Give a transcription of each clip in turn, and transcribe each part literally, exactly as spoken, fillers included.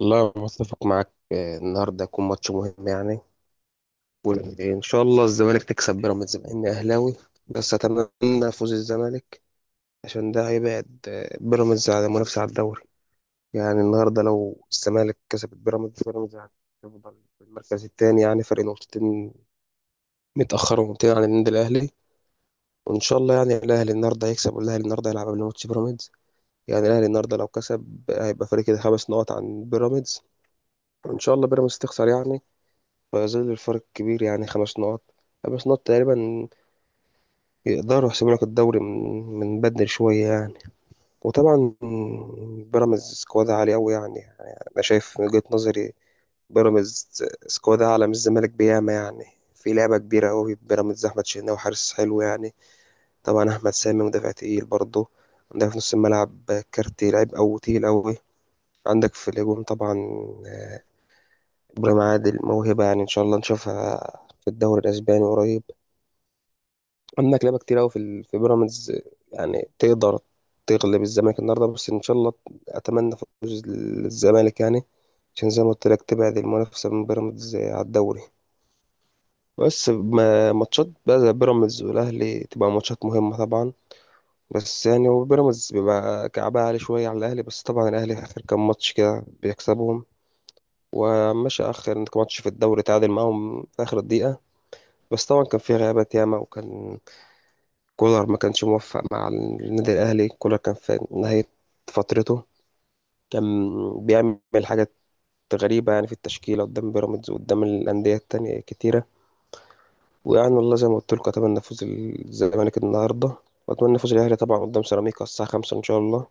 لا، متفق معاك. آه، النهارده هيكون ماتش مهم يعني. وان شاء الله الزمالك تكسب بيراميدز، مع اني اهلاوي بس اتمنى فوز الزمالك، عشان ده هيبعد آه، بيراميدز عن المنافسه على الدوري. يعني النهارده لو الزمالك كسب بيراميدز بيراميدز هتفضل في المركز الثاني، يعني فرق نقطتين، متاخر ونقطتين عن النادي الاهلي. وان شاء الله يعني الاهلي النهارده هيكسب، والاهلي النهارده هيلعب قبل ماتش بيراميدز. يعني الاهلي النهارده لو كسب هيبقى فريق كده خمس نقط عن بيراميدز، وان شاء الله بيراميدز تخسر يعني. ما زال الفرق كبير، يعني خمس نقط، خمس نقط تقريبا. يقدروا يحسبوا لك الدوري من من بدري شوية يعني. وطبعا بيراميدز سكواد عالي أوي يعني. يعني أنا شايف من وجهة نظري بيراميدز سكواد أعلى من الزمالك بياما يعني. في لعبة كبيرة أوي بيراميدز. أحمد شناوي حارس حلو يعني. طبعا أحمد سامي مدافع تقيل برضه. عندك في نص الملعب كارتي، لعيب أو تقيل أوي. عندك في الهجوم طبعا إبراهيم عادل، موهبة يعني إن شاء الله نشوفها في الدوري الأسباني قريب. عندك لعبة كتير أوي في ال- في بيراميدز. يعني تقدر تغلب الزمالك النهاردة، بس إن شاء الله أتمنى فوز الزمالك يعني، عشان زي ما قلت لك تبعد المنافسة من بيراميدز على الدوري. بس ما- ماتشات بقى زي بيراميدز والأهلي تبقى ماتشات مهمة طبعا. بس يعني هو بيراميدز بيبقى كعبها عالي شوية على الأهلي، بس طبعا الأهلي آخر كام ماتش كده بيكسبهم. ومشى آخر ماتش في الدوري تعادل معاهم في آخر الدقيقة، بس طبعا كان فيه غيابات ياما. وكان كولر ما كانش موفق مع النادي الأهلي. كولر كان في نهاية فترته، كان بيعمل حاجات غريبة يعني في التشكيلة قدام بيراميدز وقدام الأندية التانية كتيرة. ويعني والله زي ما قلت لكم، أتمنى فوز الزمالك النهاردة، وأتمنى فوز الأهلي طبعا قدام سيراميكا الساعة خمسة إن شاء الله،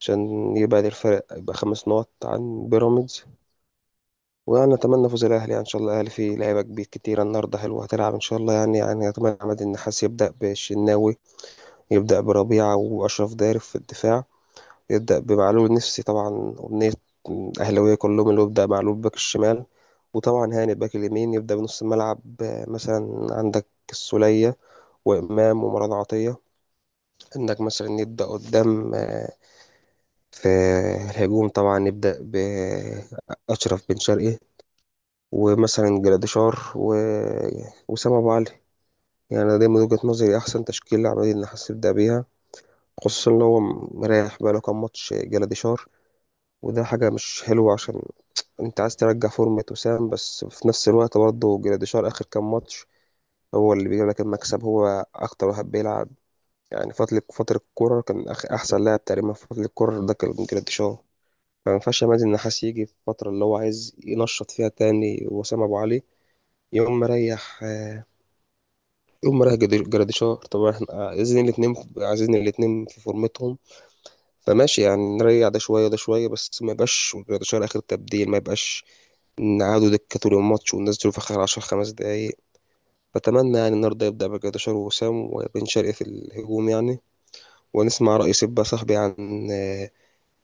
عشان يبعد الفرق يبقى خمس نقط عن بيراميدز. ويعني أتمنى فوز الأهلي يعني. إن شاء الله الأهلي فيه لعيبة كبير كتيرة النهاردة، حلوة هتلعب إن شاء الله يعني. يعني أتمنى عماد النحاس يبدأ بالشناوي، يبدأ بربيعة وأشرف داري في الدفاع، يبدأ بمعلول النفسي طبعا. أمنية أهلاوية كلهم، اللي هو يبدأ معلول باك الشمال، وطبعا هاني باك اليمين. يبدأ بنص الملعب، آه، مثلا عندك السولية وإمام ومروان عطية. عندك مثلا يبدأ قدام آه، في الهجوم طبعا، يبدأ بأشرف بن شرقي ومثلا جراديشار و... وسام أبو علي. يعني أنا دايما وجهة نظري أحسن تشكيلة عملية إن حاسس يبدأ بيها. خصوصا إن هو مريح بقاله كام ماتش جراديشار، وده حاجة مش حلوة. عشان انت عايز ترجع فورمة وسام، بس في نفس الوقت برضه جراديشار اخر كام ماتش هو اللي بيجيب لك المكسب، هو اكتر واحد بيلعب يعني. فترة فترة الكورة كان أخ- احسن لاعب تقريبا في فترة الكورة ده كان جراديشار. فما ينفعش مازن النحاس يجي في الفترة اللي هو عايز ينشط فيها تاني وسام ابو علي، يقوم مريح. يقوم مريح جد- جراديشار. طب احنا عايزين الاتنين، عايزين الاتنين في فورمتهم. فماشي يعني، نريح ده شوية ده شوية، بس ما يبقاش جراديشار آخر تبديل. ما يبقاش قعدوا دكة طول الماتش والناس دول في آخر عشر خمس دقايق. بتمنى يعني النهاردة يبدأ بجداشر ووسام وبن شرقي في الهجوم يعني. ونسمع رأي، سيب بقى صاحبي، عن آه،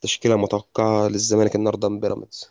تشكيلة متوقعة للزمالك النهاردة من بيراميدز.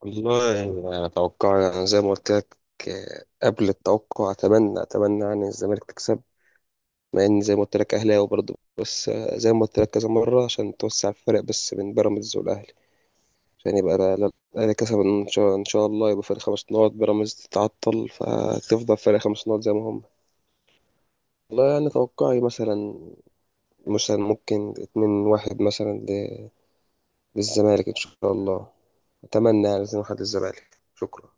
والله يعني أنا أتوقع يعني زي ما قلت لك. آه، قبل التوقع، أتمنى أتمنى يعني الزمالك تكسب، مع إن زي ما قلت لك أهلاوي برضه. زي ما قلت لك كذا مرة، عشان توسع الفرق بس بين بيراميدز والأهلي. عشان يبقى ده لا- الاهلي كسب، ان شاء ان شاء الله يبقى فرق خمس نقط، بيراميدز تتعطل فتفضل فرق خمس نقط زي ما هم. والله يعني توقعي مثلا. مثلا ممكن اتنين واحد مثلا ل- للزمالك ان شاء الله. اتمنى يعني اتنين واحد للزمالك. شكرا.